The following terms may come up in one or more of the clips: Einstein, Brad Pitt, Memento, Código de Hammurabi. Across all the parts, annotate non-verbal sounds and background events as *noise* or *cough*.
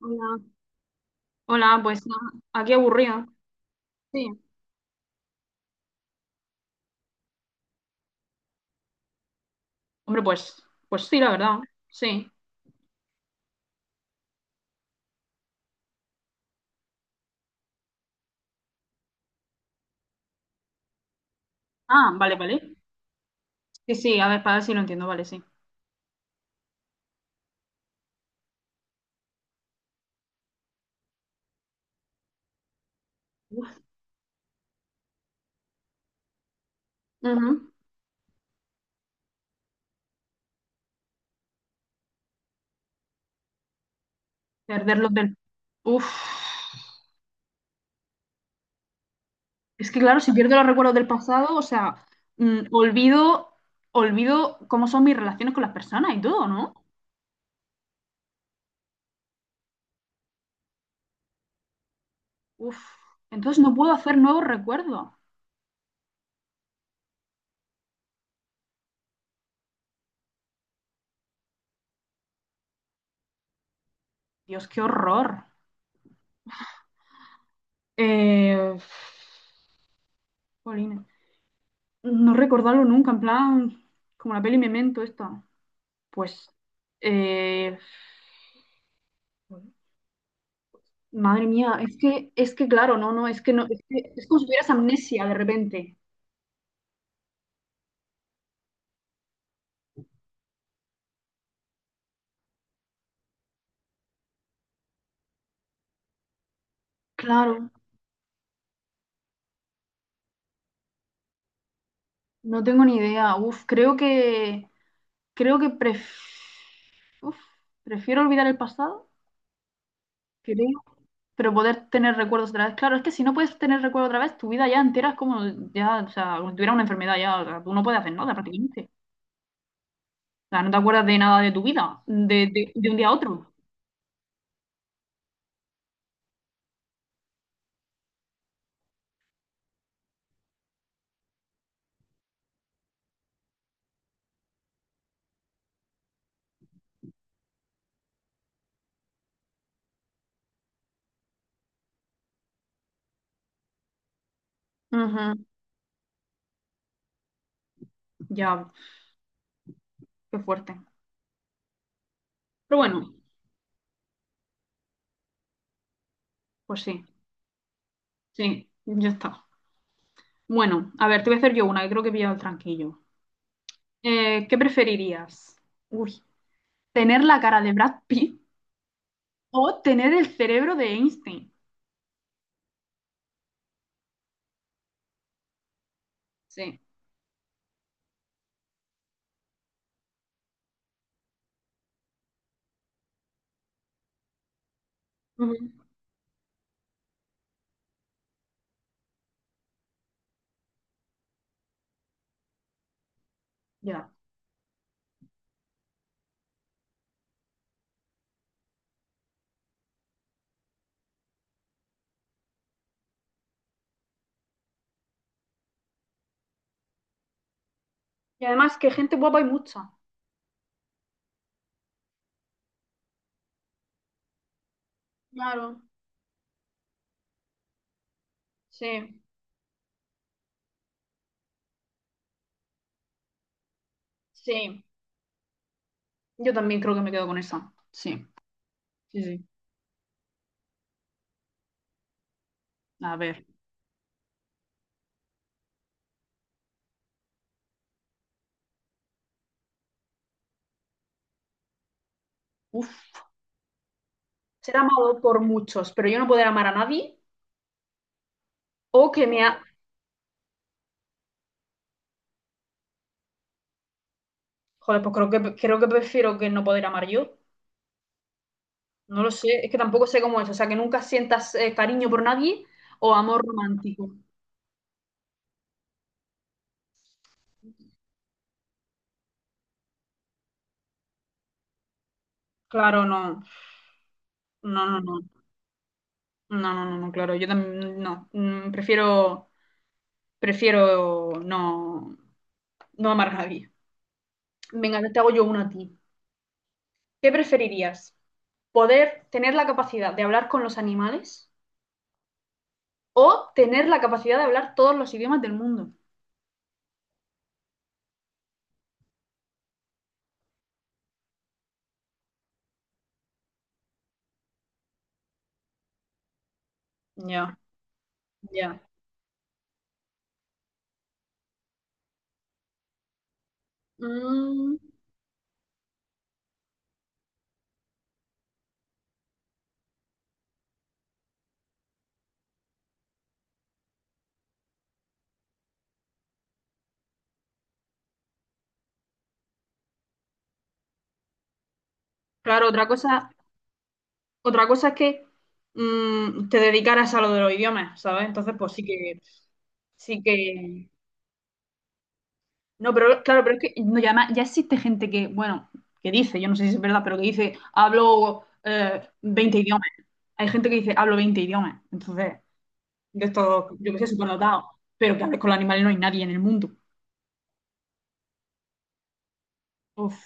Hola, hola, pues aquí aburrido. Sí. Hombre, pues sí, la verdad. Sí. Ah, vale, vale. Sí, sí, a ver, para ver si lo entiendo, vale, sí. Uf. Ujú. Perder los del. Uf. Es que claro, si pierdo los recuerdos del pasado, o sea, mm, olvido, olvido cómo son mis relaciones con las personas y todo, ¿no? Uf. Entonces no puedo hacer nuevos recuerdos. Dios, qué horror. Eh, jolines. No recordarlo nunca, en plan, como la peli Memento esta. Pues, eh, madre mía, es que claro, no, no, es que no, es que es como si tuvieras amnesia de repente. Claro, no tengo ni idea. Uf, creo que uf, prefiero olvidar el pasado, creo, pero poder tener recuerdos otra vez. Claro, es que si no puedes tener recuerdos otra vez, tu vida ya entera es como ya, o sea, como si tuvieras una enfermedad ya, o sea, tú no puedes hacer nada prácticamente. O sea, no te acuerdas de nada de tu vida, de un día a otro. Ujú. Ya, qué fuerte. Pero bueno. Pues sí, sí, ya está. Bueno, a ver, te voy a hacer yo una, que creo que he pillado el tranquillo. ¿Qué preferirías? Uy, ¿tener la cara de Brad Pitt o tener el cerebro de Einstein? Sí. Ujú. Ya. Y además que gente guapa hay mucha. Claro, sí, sí. Yo también creo que me quedo con esa. Sí, sí, sí. A ver. Uf. Ser amado por muchos, pero yo no poder amar a nadie. O que me ha... Joder, pues creo que prefiero que no poder amar yo. No lo sé, es que tampoco sé cómo es, o sea, que nunca sientas cariño por nadie o amor romántico. Claro, no, no, no, no, no, no, no, no, claro, yo también, no. Prefiero no, no amar a nadie. Venga, te hago yo una a ti. ¿Qué preferirías? ¿Poder tener la capacidad de hablar con los animales o tener la capacidad de hablar todos los idiomas del mundo? Ya, ya. Mm, claro, otra cosa es que te dedicaras a lo de los idiomas, ¿sabes? Entonces, pues sí que. No, pero claro, pero es que no, ya, ya existe gente que, bueno, que dice, yo no sé si es verdad, pero que dice, hablo 20 idiomas. Hay gente que dice, hablo 20 idiomas. Entonces, de esto, yo que sé, supernotado. Pero que hables con los animales no hay nadie en el mundo. Uf,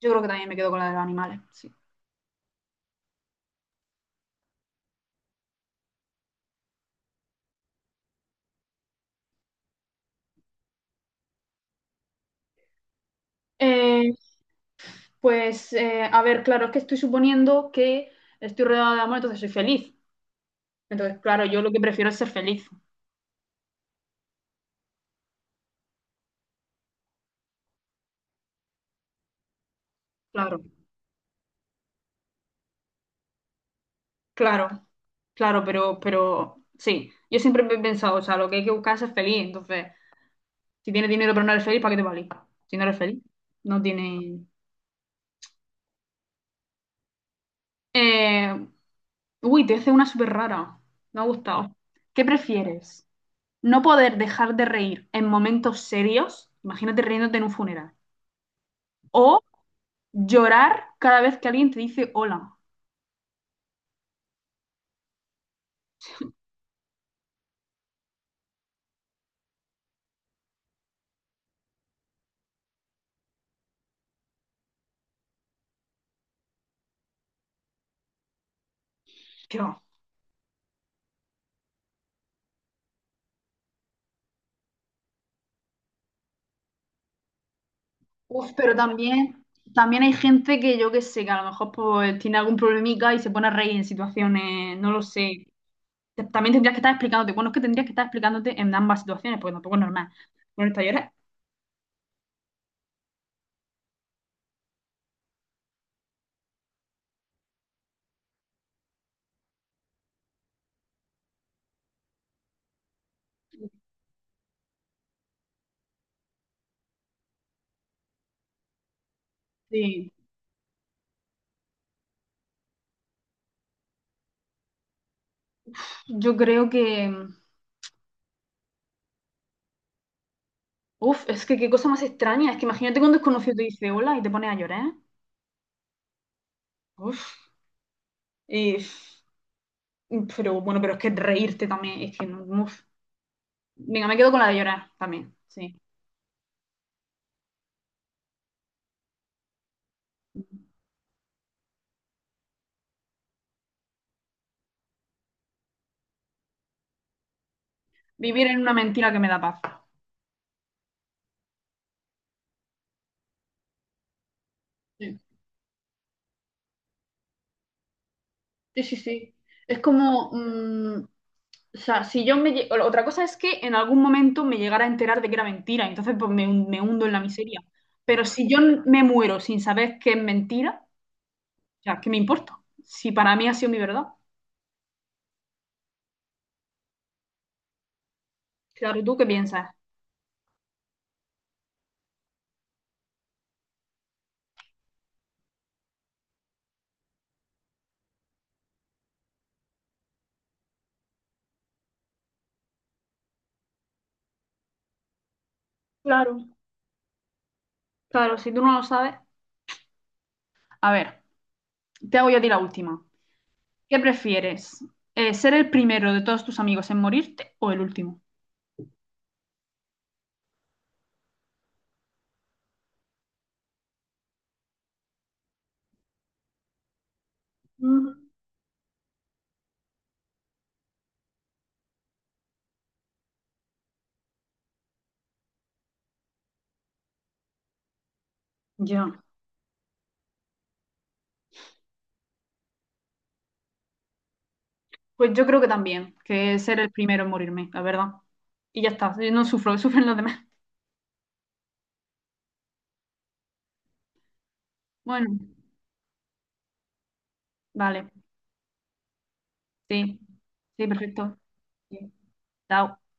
yo creo que también me quedo con la de los animales, sí. Eh, pues, a ver, claro, es que estoy suponiendo que estoy rodeada de amor, entonces soy feliz. Entonces, claro, yo lo que prefiero es ser feliz. Claro, claro, claro, pero sí, yo siempre he pensado, o sea, lo que hay que buscar es ser feliz. Entonces, si tienes dinero pero no eres feliz, ¿para qué te vale? Si no eres feliz, no tiene... Eh, Uy, te hice una súper rara. Me ha gustado. ¿Qué prefieres? ¿No poder dejar de reír en momentos serios? Imagínate riéndote en un funeral. ¿O llorar cada vez que alguien te dice hola? Dios. Uf, pero también hay gente que yo que sé, que a lo mejor pues, tiene algún problemica y se pone a reír en situaciones, no lo sé. También tendrías que estar explicándote. Bueno, es que tendrías que estar explicándote en ambas situaciones, porque tampoco es normal. Bueno, ¿esta llorando? Sí. Yo creo que. Uf, es que qué cosa más extraña. Es que imagínate que un desconocido te dice hola y te pones a llorar. Uf. eh, pero bueno, pero es que reírte también. Es que no, no, uf. Venga, me quedo con la de llorar también. Sí. Vivir en una mentira que me da paz. Sí. Sí, sí, sí. Es como, o sea, si yo me... lle- otra cosa es que en algún momento me llegara a enterar de que era mentira, entonces pues me hundo en la miseria. Pero si yo me muero sin saber que es mentira, o sea, ¿qué me importa? Si para mí ha sido mi verdad. Claro, ¿tú qué piensas? Claro. Claro, si tú no lo sabes. A ver, te hago yo a ti la última. ¿Qué prefieres? ¿Ser el primero de todos tus amigos en morirte o el último? Mm. Ya. Pues yo creo que también, que ser el primero en morirme, la verdad. Y ya está, yo no sufro, *laughs* sufren los demás. Bueno, vale, sí, sí, perfecto. Sí. Chao.